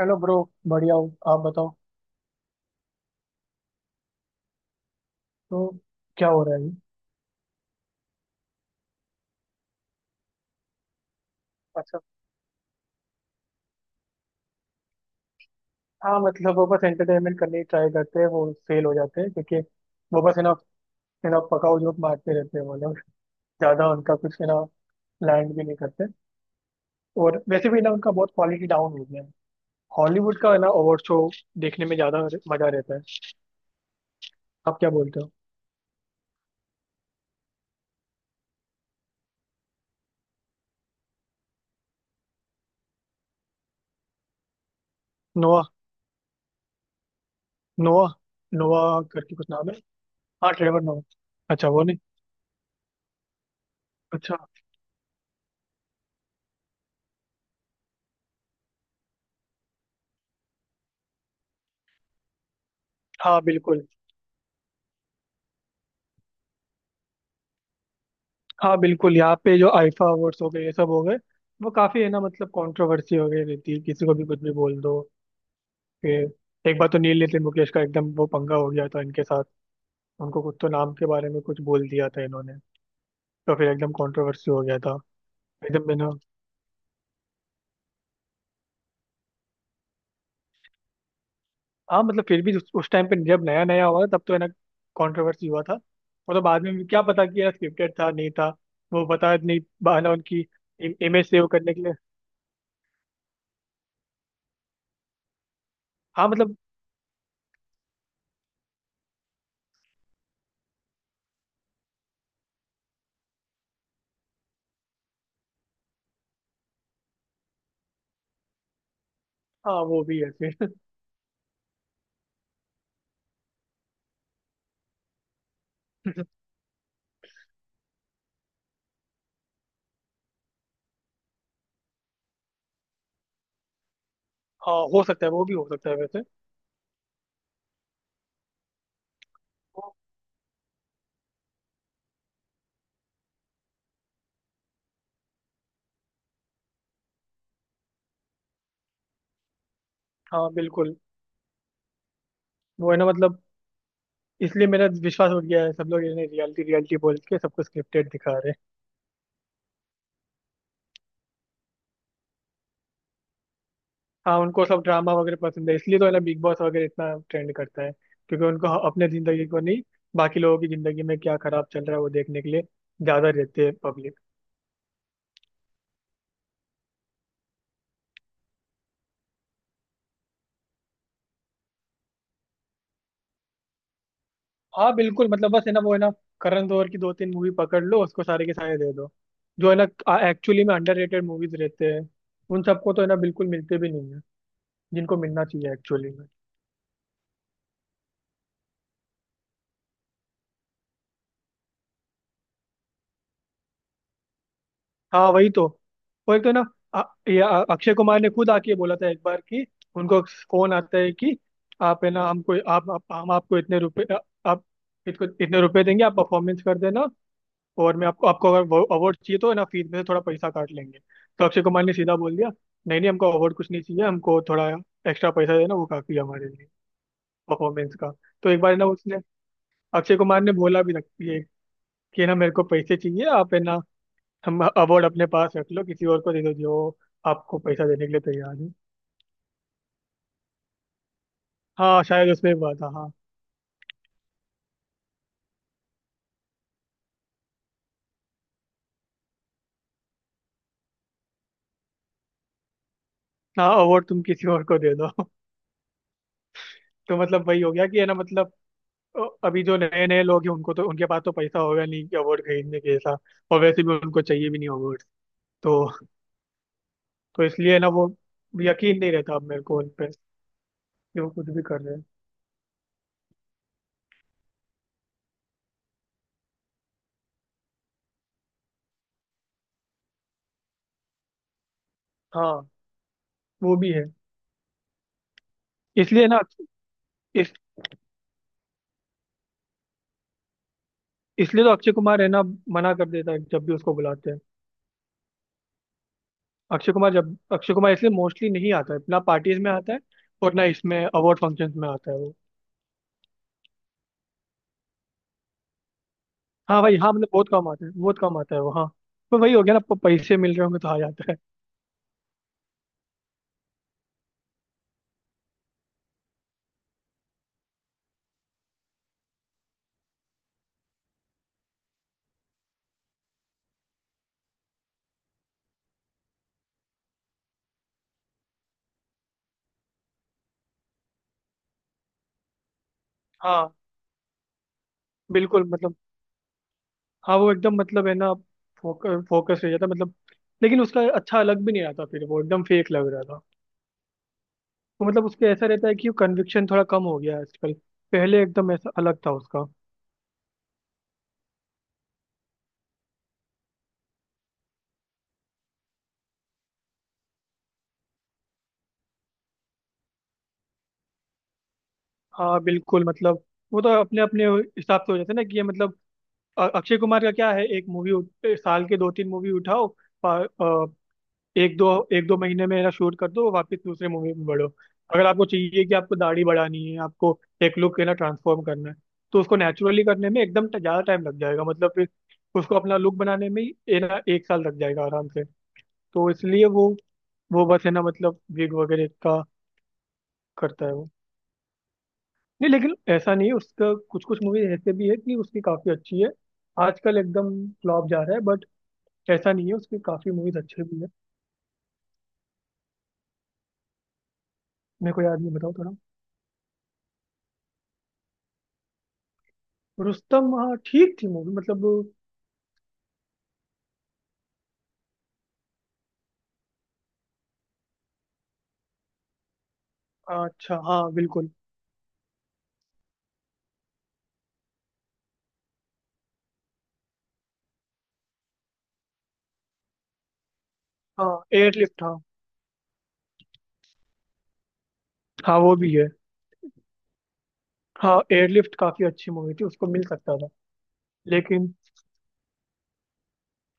Hello bro. बढ़िया हो आप बताओ। तो क्या हो रहा है अभी? अच्छा। हाँ मतलब वो बस एंटरटेनमेंट करने की ट्राई करते हैं, वो फेल हो जाते हैं क्योंकि वो बस है ना, पकाऊ जोक मारते रहते हैं वो लोग। ज़्यादा उनका कुछ है ना, लैंड भी नहीं करते। और वैसे भी ना, उनका बहुत क्वालिटी डाउन हो गया है। हॉलीवुड का है ना अवार्ड शो, देखने में ज़्यादा मज़ा रहता है। आप क्या बोलते हो? नोआ। नोआ। नोआ करके कुछ नाम है। हाँ ट्रेवर नोआ। अच्छा, वो नहीं। अच्छा। हाँ बिल्कुल। हाँ बिल्कुल, यहाँ पे जो आईफा अवार्ड्स हो गए, ये सब हो गए। वो काफी है ना मतलब, कंट्रोवर्सी हो गई रहती है, किसी को भी कुछ भी बोल दो। फिर एक बार तो नील नितिन मुकेश का एकदम वो पंगा हो गया था इनके साथ। उनको कुछ तो नाम के बारे में कुछ बोल दिया था इन्होंने। तो फिर एकदम कंट्रोवर्सी हो गया था। एकदम बिना। हाँ मतलब फिर भी उस टाइम पे जब नया नया हुआ था, तब तो है ना, कंट्रोवर्सी हुआ था। और तो बाद में क्या पता कि यार स्क्रिप्टेड था नहीं था। वो पता नहीं, बहाना उनकी इमेज सेव करने के लिए। हाँ मतलब। हाँ वो भी है फिर। हाँ हो सकता है, वो भी हो सकता है वैसे। हाँ बिल्कुल। वो है ना मतलब, इसलिए मेरा विश्वास उठ गया है। सब लोग इन्हें रियलिटी रियलिटी बोल के सबको स्क्रिप्टेड दिखा रहे हैं। हाँ, उनको सब ड्रामा वगैरह पसंद है, इसलिए तो है ना बिग बॉस वगैरह इतना ट्रेंड करता है। क्योंकि उनको अपने जिंदगी को नहीं, बाकी लोगों की जिंदगी में क्या खराब चल रहा है वो देखने के लिए ज्यादा रहते हैं पब्लिक। हाँ बिल्कुल मतलब बस है ना, वो है ना, करण जौहर की दो तीन मूवी पकड़ लो, उसको सारे के सारे दे दो। जो है ना एक्चुअली में अंडररेटेड मूवीज रहते हैं, उन सबको तो है ना बिल्कुल मिलते भी नहीं है, जिनको मिलना चाहिए एक्चुअली। हाँ वही तो। वो एक तो ना, अ- ये अक्षय कुमार ने खुद आके बोला था एक बार कि उनको फोन आता है कि, आप है ना, हमको आप हम आपको इतने रुपए आप इसको इतने रुपए देंगे, आप परफॉर्मेंस कर देना। और मैं आपको आपको अगर अवार्ड चाहिए तो है ना, फीस में से थोड़ा पैसा काट लेंगे। तो अक्षय कुमार ने सीधा बोल दिया, नहीं नहीं, हमको अवार्ड कुछ नहीं चाहिए, हमको थोड़ा एक्स्ट्रा पैसा देना, वो काफी है हमारे लिए, परफॉर्मेंस का। तो एक बार है ना उसने, अक्षय कुमार ने बोला भी रखती है कि है ना मेरे को पैसे चाहिए, आप है ना हम अवार्ड अपने पास रख लो, किसी और को दे दो जो आपको पैसा देने के लिए तैयार है। हाँ शायद उसमें बात था, हाँ। हाँ, अवार्ड तुम किसी और को दे दो। तो मतलब वही हो गया कि है ना मतलब, अ, अभी जो नए नए लोग हैं, उनको तो उनके पास तो पैसा होगा नहीं कि अवार्ड खरीदने के ऐसा। और वैसे भी उनको चाहिए भी नहीं अवार्ड। तो तो इसलिए ना वो, यकीन नहीं रहता अब मेरे को उन पे कि वो कुछ भी कर रहे हैं। हाँ वो भी है। इसलिए ना, इस इसलिए तो अक्षय कुमार है ना मना कर देता है जब भी उसको बुलाते हैं। अक्षय कुमार इसलिए मोस्टली नहीं आता है ना पार्टीज में आता है। और ना इसमें अवार्ड फंक्शंस में आता है वो। हाँ भाई, हाँ मतलब बहुत कम आता है, बहुत कम आता है वो, हाँ। पर वही हो गया ना, पैसे मिल रहे होंगे तो आ जाता है। हाँ बिल्कुल मतलब। हाँ वो एकदम मतलब है ना, फोकस फोकस हो जाता है मतलब। लेकिन उसका अच्छा लग भी नहीं आता, फिर वो एकदम फेक लग रहा था। तो मतलब उसके ऐसा रहता है कि कन्विक्शन थोड़ा कम हो गया है आजकल। पहले एकदम ऐसा अलग था उसका। हाँ बिल्कुल मतलब, वो तो अपने अपने हिसाब से हो जाता है ना, कि ये मतलब अक्षय कुमार का क्या है, साल के दो तीन मूवी उठाओ। प- अ, एक दो महीने में शूट कर दो, वापस दूसरे मूवी में बढ़ो। अगर आपको चाहिए कि आपको दाढ़ी बढ़ानी है, आपको एक लुक है ना ट्रांसफॉर्म करना है, तो उसको नेचुरली करने में एकदम ज्यादा टाइम लग जाएगा, मतलब फिर उसको अपना लुक बनाने में ही ये ना एक साल लग जाएगा आराम से। तो इसलिए वो बस है ना मतलब विग वगैरह का करता है वो। नहीं लेकिन ऐसा नहीं है, उसका कुछ कुछ मूवी ऐसे भी है कि उसकी काफी अच्छी है। आजकल एकदम फ्लॉप जा रहा है ऐसा नहीं है, उसकी काफी मूवीज अच्छी भी है। मेरे को याद नहीं, बताओ थोड़ा। रुस्तम, हाँ ठीक थी मूवी मतलब। अच्छा हाँ बिल्कुल। हाँ एयरलिफ्ट। हाँ, हाँ वो भी है। हाँ एयरलिफ्ट काफी अच्छी मूवी थी, उसको मिल सकता था लेकिन।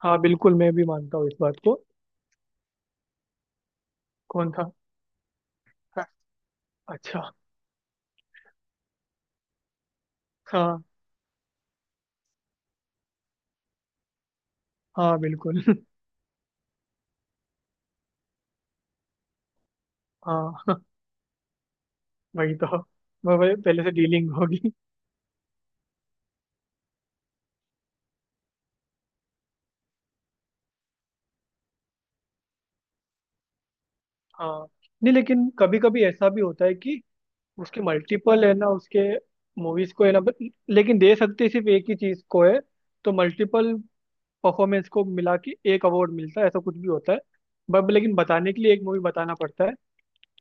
हाँ बिल्कुल, मैं भी मानता हूँ इस बात को। कौन था? हाँ, अच्छा। हाँ हाँ बिल्कुल। हाँ वही तो, वह पहले से डीलिंग होगी। हाँ। नहीं लेकिन कभी कभी ऐसा भी होता है कि उसके मल्टीपल है ना, उसके मूवीज को है ना, बट लेकिन दे सकते सिर्फ एक ही चीज को है। तो मल्टीपल परफॉर्मेंस को मिला के एक अवार्ड मिलता है ऐसा कुछ भी होता है। बट लेकिन बताने के लिए एक मूवी बताना पड़ता है।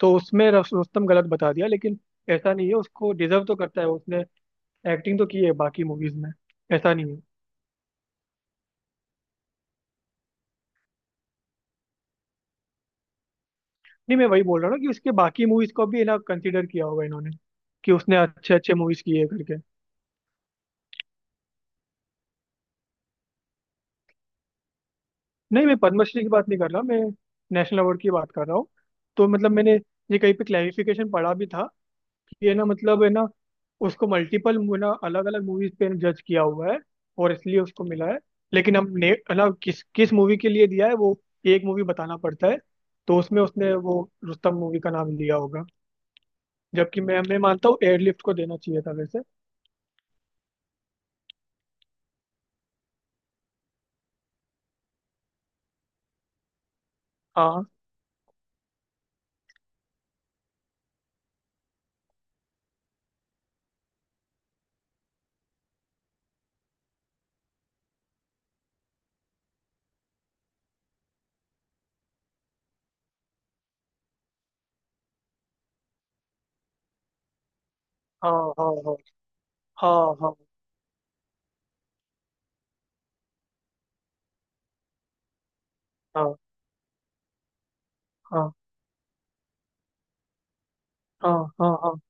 तो उसमें रुस्तम गलत बता दिया, लेकिन ऐसा नहीं है उसको डिजर्व तो करता है, उसने एक्टिंग तो की है बाकी मूवीज में, ऐसा नहीं है। नहीं मैं वही बोल रहा हूँ ना कि उसके बाकी मूवीज को भी है ना कंसिडर किया होगा इन्होंने, कि उसने अच्छे अच्छे मूवीज किए करके। नहीं मैं पद्मश्री की बात नहीं कर रहा, मैं नेशनल अवार्ड की बात कर रहा हूँ। तो मतलब मैंने ये कहीं पे क्लैरिफिकेशन पढ़ा भी था, कि है ना मतलब है ना, उसको मल्टीपल ना अलग अलग मूवीज पे जज किया हुआ है और इसलिए उसको मिला है। लेकिन हम ने है ना किस किस मूवी के लिए दिया है वो, एक मूवी बताना पड़ता है। तो उसमें उसने वो रुस्तम मूवी का नाम लिया होगा, जबकि मैं मानता हूँ एयरलिफ्ट को देना चाहिए था वैसे। हाँ, हाँ, हाँ, हाँ, हाँ, हाँ, हाँ, हाँ, हाँ, हाँ, हाँ, हाँ।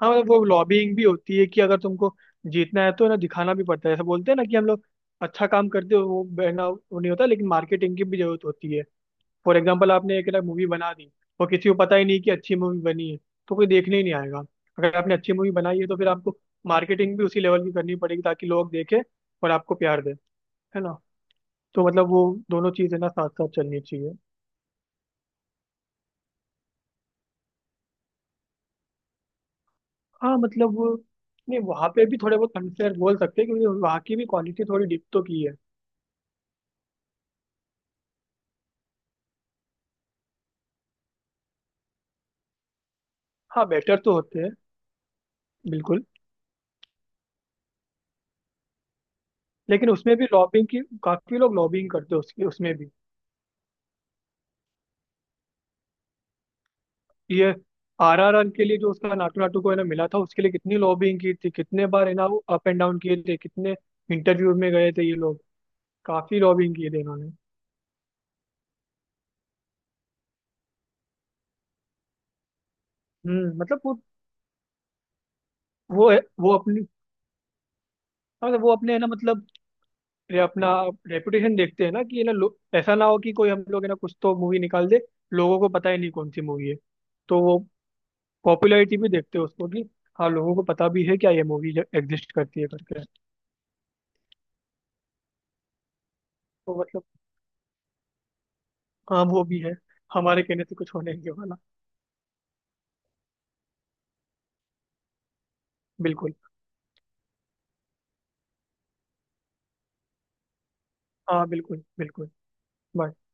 हाँ मतलब वो लॉबिंग भी होती है कि अगर तुमको जीतना है तो ना दिखाना भी पड़ता है, ऐसा बोलते हैं ना कि हम लोग अच्छा काम करते हो वो बहना, वो नहीं होता, लेकिन मार्केटिंग की भी जरूरत होती है। फॉर एग्जाम्पल, आपने एक ना मूवी बना दी, और किसी को पता ही नहीं कि अच्छी मूवी बनी है, तो कोई देखने ही नहीं आएगा। अगर आपने अच्छी मूवी बनाई है तो फिर आपको मार्केटिंग भी उसी लेवल की करनी पड़ेगी, ताकि लोग देखें और आपको प्यार दें, है ना। तो मतलब वो दोनों चीज़ें ना साथ साथ चलनी चाहिए। हाँ मतलब नहीं, वहाँ पे भी थोड़े बहुत अनफेयर बोल सकते हैं क्योंकि वहाँ की भी क्वालिटी थोड़ी डिप तो की है। हाँ बेटर तो होते हैं, बिल्कुल। लेकिन उसमें भी लॉबिंग की, काफी लोग लॉबिंग करते हैं उसकी, उसमें भी ये RRR के लिए जो उसका नाटू नाटू को है ना मिला था, उसके लिए कितनी लॉबिंग की थी, कितने बार है ना वो अप एंड डाउन किए थे, कितने इंटरव्यू में गए थे ये लोग, काफी लॉबिंग किए थे इन्होंने। मतलब वो अपनी, हाँ, मतलब वो अपने है ना मतलब, ये अपना रेपुटेशन देखते हैं ना कि ऐसा ना हो कि कोई हम लोग है ना कुछ तो मूवी निकाल दे, लोगों को पता ही नहीं कौन सी मूवी है, तो वो पॉपुलैरिटी भी देखते हैं उसको कि हाँ लोगों को पता भी है क्या ये मूवी एग्जिस्ट करती है करके। तो मतलब, हाँ वो भी है, हमारे कहने से कुछ होने नहीं वाला। बिल्कुल। हाँ बिल्कुल बिल्कुल।